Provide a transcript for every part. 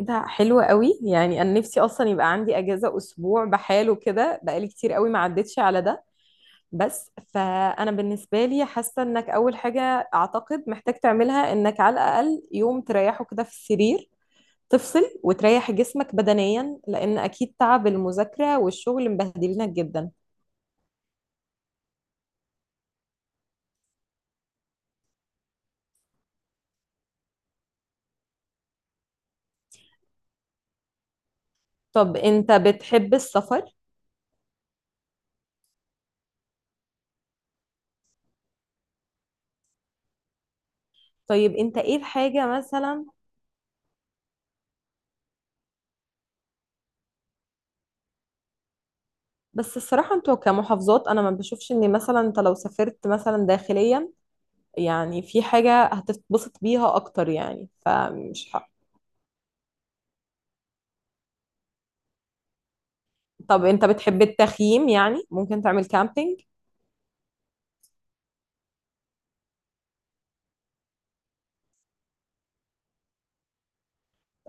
إيه ده حلو قوي. يعني انا نفسي اصلا يبقى عندي اجازه اسبوع بحاله كده، بقالي كتير قوي ما عدتش على ده. بس فانا بالنسبه لي حاسه انك اول حاجه اعتقد محتاج تعملها انك على الاقل يوم تريحه كده في السرير، تفصل وتريح جسمك بدنيا، لان اكيد تعب المذاكره والشغل مبهدلينك جدا. طب انت بتحب السفر؟ طيب انت ايه الحاجه مثلا؟ بس الصراحه انتوا كمحافظات انا ما بشوفش ان مثلا انت لو سافرت مثلا داخليا يعني في حاجة هتتبسط بيها أكتر، يعني فمش حق. طب أنت بتحب التخييم؟ يعني ممكن تعمل كامبينج.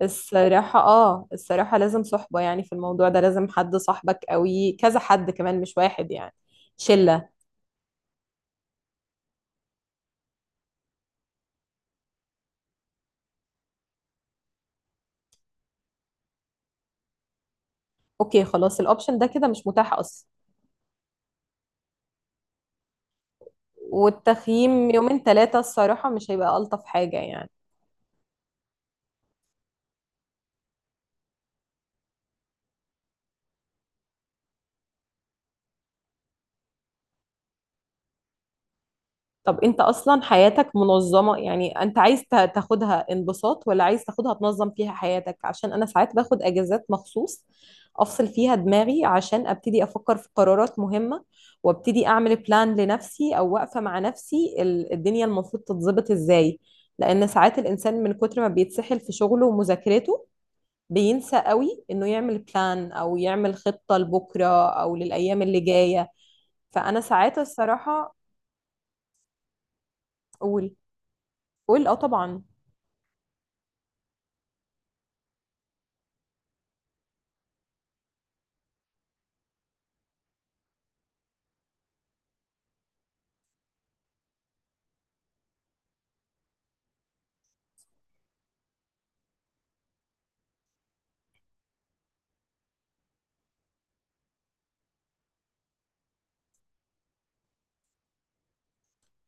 الصراحة لازم صحبة، يعني في الموضوع ده لازم حد صاحبك قوي، كذا حد كمان مش واحد يعني. شلة. أوكي، خلاص الأوبشن ده كده مش متاح أصلا. والتخييم يومين ثلاثة الصراحة مش هيبقى ألطف حاجة يعني. طب انت اصلا حياتك منظمة؟ يعني انت عايز تاخدها انبساط ولا عايز تاخدها تنظم فيها حياتك، عشان انا ساعات باخد اجازات مخصوص افصل فيها دماغي عشان ابتدي افكر في قرارات مهمة، وابتدي اعمل بلان لنفسي او واقفة مع نفسي الدنيا المفروض تتظبط ازاي. لان ساعات الانسان من كتر ما بيتسحل في شغله ومذاكرته بينسى قوي انه يعمل بلان او يعمل خطة لبكرة، او للايام اللي جاية. فانا ساعات الصراحة اقول. قول، اه طبعا.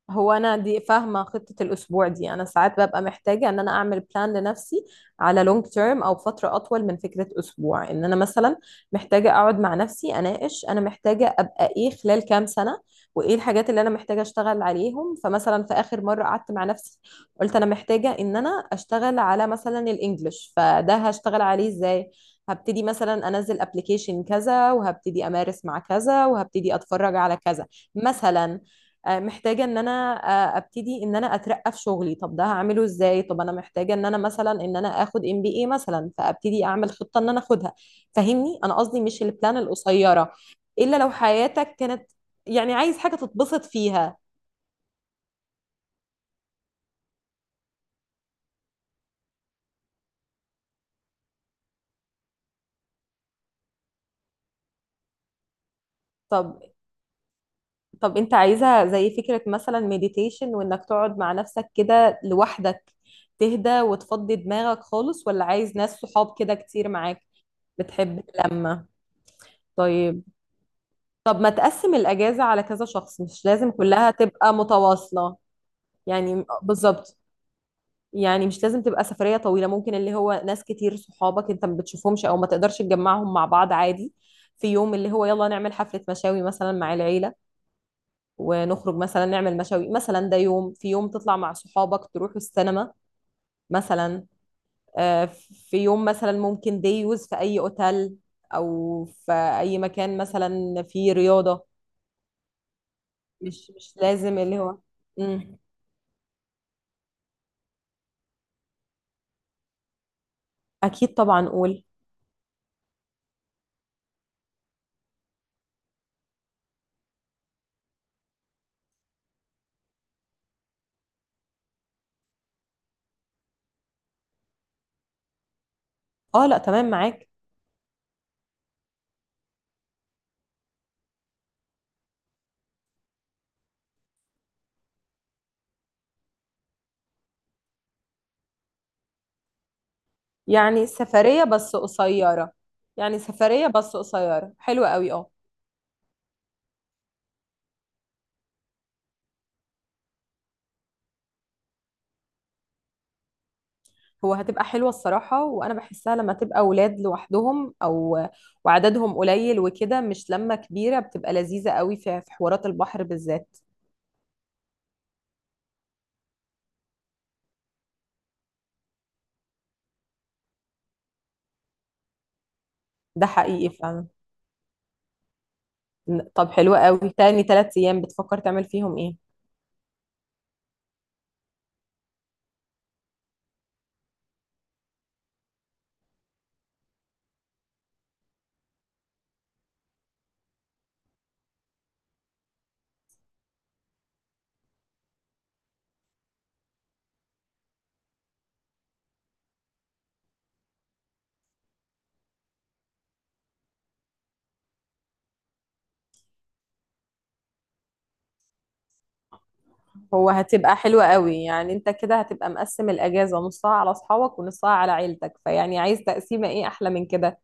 هو انا دي فاهمه خطه الاسبوع دي، انا ساعات ببقى محتاجه ان انا اعمل بلان لنفسي على لونج تيرم، او فتره اطول من فكره اسبوع، ان انا مثلا محتاجه اقعد مع نفسي اناقش انا محتاجه ابقى ايه خلال كام سنه. وايه الحاجات اللي انا محتاجه اشتغل عليهم. فمثلا في اخر مره قعدت مع نفسي قلت انا محتاجه ان انا اشتغل على مثلا الانجليش، فده هشتغل عليه ازاي؟ هبتدي مثلا انزل ابلكيشن كذا، وهبتدي امارس مع كذا، وهبتدي اتفرج على كذا مثلا. محتاجة ان انا ابتدي ان انا اترقى في شغلي. طب ده هعمله ازاي؟ طب انا محتاجة ان انا مثلا ان انا اخد MBA مثلا، فابتدي اعمل خطة ان انا اخدها. فاهمني؟ انا قصدي مش البلان القصيرة، الا لو حياتك كانت يعني عايز حاجة تتبسط فيها. طب طب انت عايزها زي فكرة مثلا مديتيشن وانك تقعد مع نفسك كده لوحدك تهدى وتفضي دماغك خالص، ولا عايز ناس صحاب كده كتير معاك؟ بتحب اللمة؟ طيب طب ما تقسم الأجازة على كذا شخص؟ مش لازم كلها تبقى متواصلة. يعني بالظبط. يعني مش لازم تبقى سفرية طويلة، ممكن اللي هو ناس كتير صحابك انت ما بتشوفهمش او ما تقدرش تجمعهم مع بعض عادي. في يوم اللي هو يلا نعمل حفلة مشاوي مثلا مع العيلة، ونخرج مثلا نعمل مشاوي مثلا. ده يوم، في يوم تطلع مع صحابك تروحوا السينما مثلا. آه، في يوم مثلا ممكن ديوز في أي أوتيل، أو في أي مكان مثلا فيه رياضة. مش لازم اللي هو. مم. اكيد طبعا، قول. اه، لا، تمام معاك. يعني سفرية بس قصيرة يعني سفرية بس قصيرة حلوة قوي اه. هو هتبقى حلوة الصراحة، وانا بحسها لما تبقى اولاد لوحدهم وعددهم قليل وكده، مش لما كبيرة، بتبقى لذيذة قوي في حوارات البحر بالذات. ده حقيقي فعلا. طب حلوة قوي. تاني 3 ايام بتفكر تعمل فيهم ايه؟ هو هتبقى حلوة قوي، يعني انت كده هتبقى مقسم الاجازة نصها على اصحابك ونصها على عيلتك، فيعني عايز تقسيمة ايه احلى من كده؟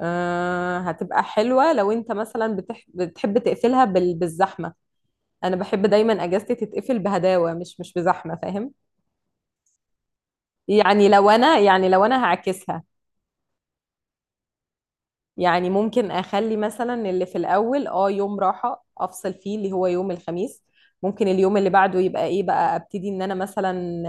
هتبقى حلوة لو انت مثلا بتحب تقفلها بالزحمة. انا بحب دايما اجازتي تتقفل بهداوة، مش بزحمة، فاهم؟ يعني لو انا هعكسها. يعني ممكن اخلي مثلا اللي في الاول يوم راحه افصل فيه اللي هو يوم الخميس. ممكن اليوم اللي بعده يبقى ايه بقى، ابتدي ان انا مثلا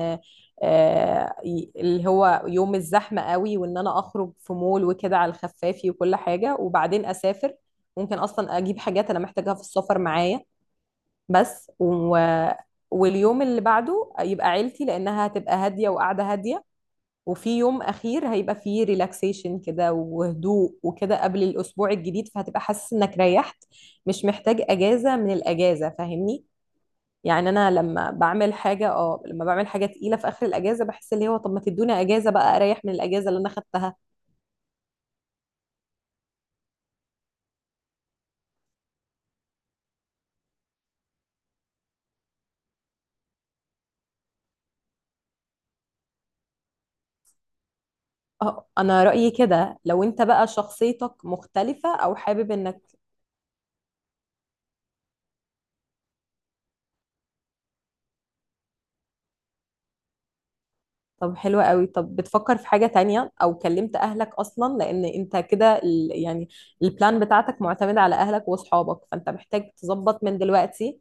اللي هو يوم الزحمه قوي، وان انا اخرج في مول وكده على الخفافي وكل حاجه وبعدين اسافر. ممكن اصلا اجيب حاجات انا محتاجاها في السفر معايا. بس واليوم اللي بعده يبقى عيلتي، لانها هتبقى هاديه وقاعده هاديه. وفي يوم اخير هيبقى فيه ريلاكسيشن كده وهدوء وكده قبل الاسبوع الجديد، فهتبقى حاسس انك ريحت، مش محتاج اجازه من الاجازه، فاهمني؟ يعني انا لما بعمل حاجه تقيله في اخر الاجازه بحس اللي هو طب ما تدوني اجازه بقى اريح من الاجازه اللي انا خدتها. اه، انا رايي كده، لو انت بقى شخصيتك مختلفه او حابب انك. طب حلوة قوي. طب بتفكر في حاجة تانية او كلمت اهلك اصلا، لان انت كده يعني البلان بتاعتك معتمدة على اهلك واصحابك، فانت محتاج تظبط من دلوقتي.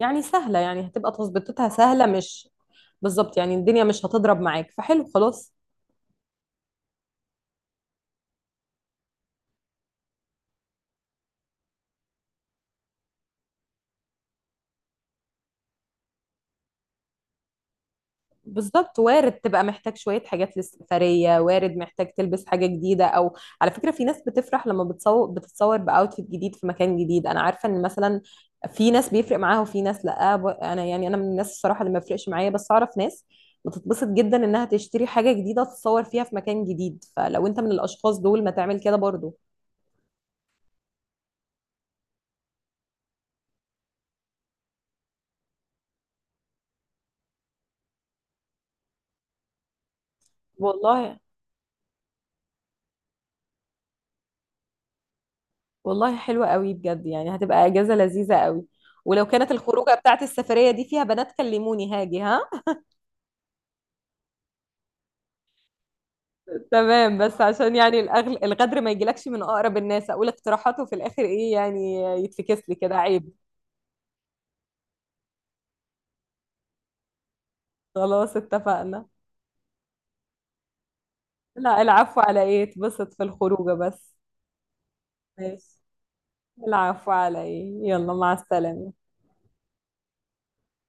يعني سهلة، يعني هتبقى تظبطتها سهلة، مش. بالظبط، يعني الدنيا مش هتضرب معاك، فحلو خلاص. بالظبط، وارد تبقى محتاج شوية حاجات للسفرية، وارد محتاج تلبس حاجة جديدة أو. على فكرة، في ناس بتفرح لما بتتصور بأوتفيت جديد في مكان جديد، أنا عارفة إن مثلا في ناس بيفرق معاها وفي ناس لأ، أنا يعني أنا من الناس الصراحة اللي ما بيفرقش معايا، بس أعرف ناس بتتبسط جدا إنها تشتري حاجة جديدة تتصور فيها في مكان جديد، فلو أنت من الأشخاص دول ما تعمل كده برضو. والله، والله حلوة قوي بجد، يعني هتبقى إجازة لذيذة قوي. ولو كانت الخروجة بتاعت السفرية دي فيها بنات كلموني هاجي، ها. تمام، بس عشان يعني الغدر ما يجيلكش من أقرب الناس، أقول اقتراحاته في الآخر إيه؟ يعني يتفكس لي كده عيب. خلاص، اتفقنا. لا، العفو على إيه، اتبسط في الخروجة بس. ماشي. العفو على إيه، يلا مع السلامة.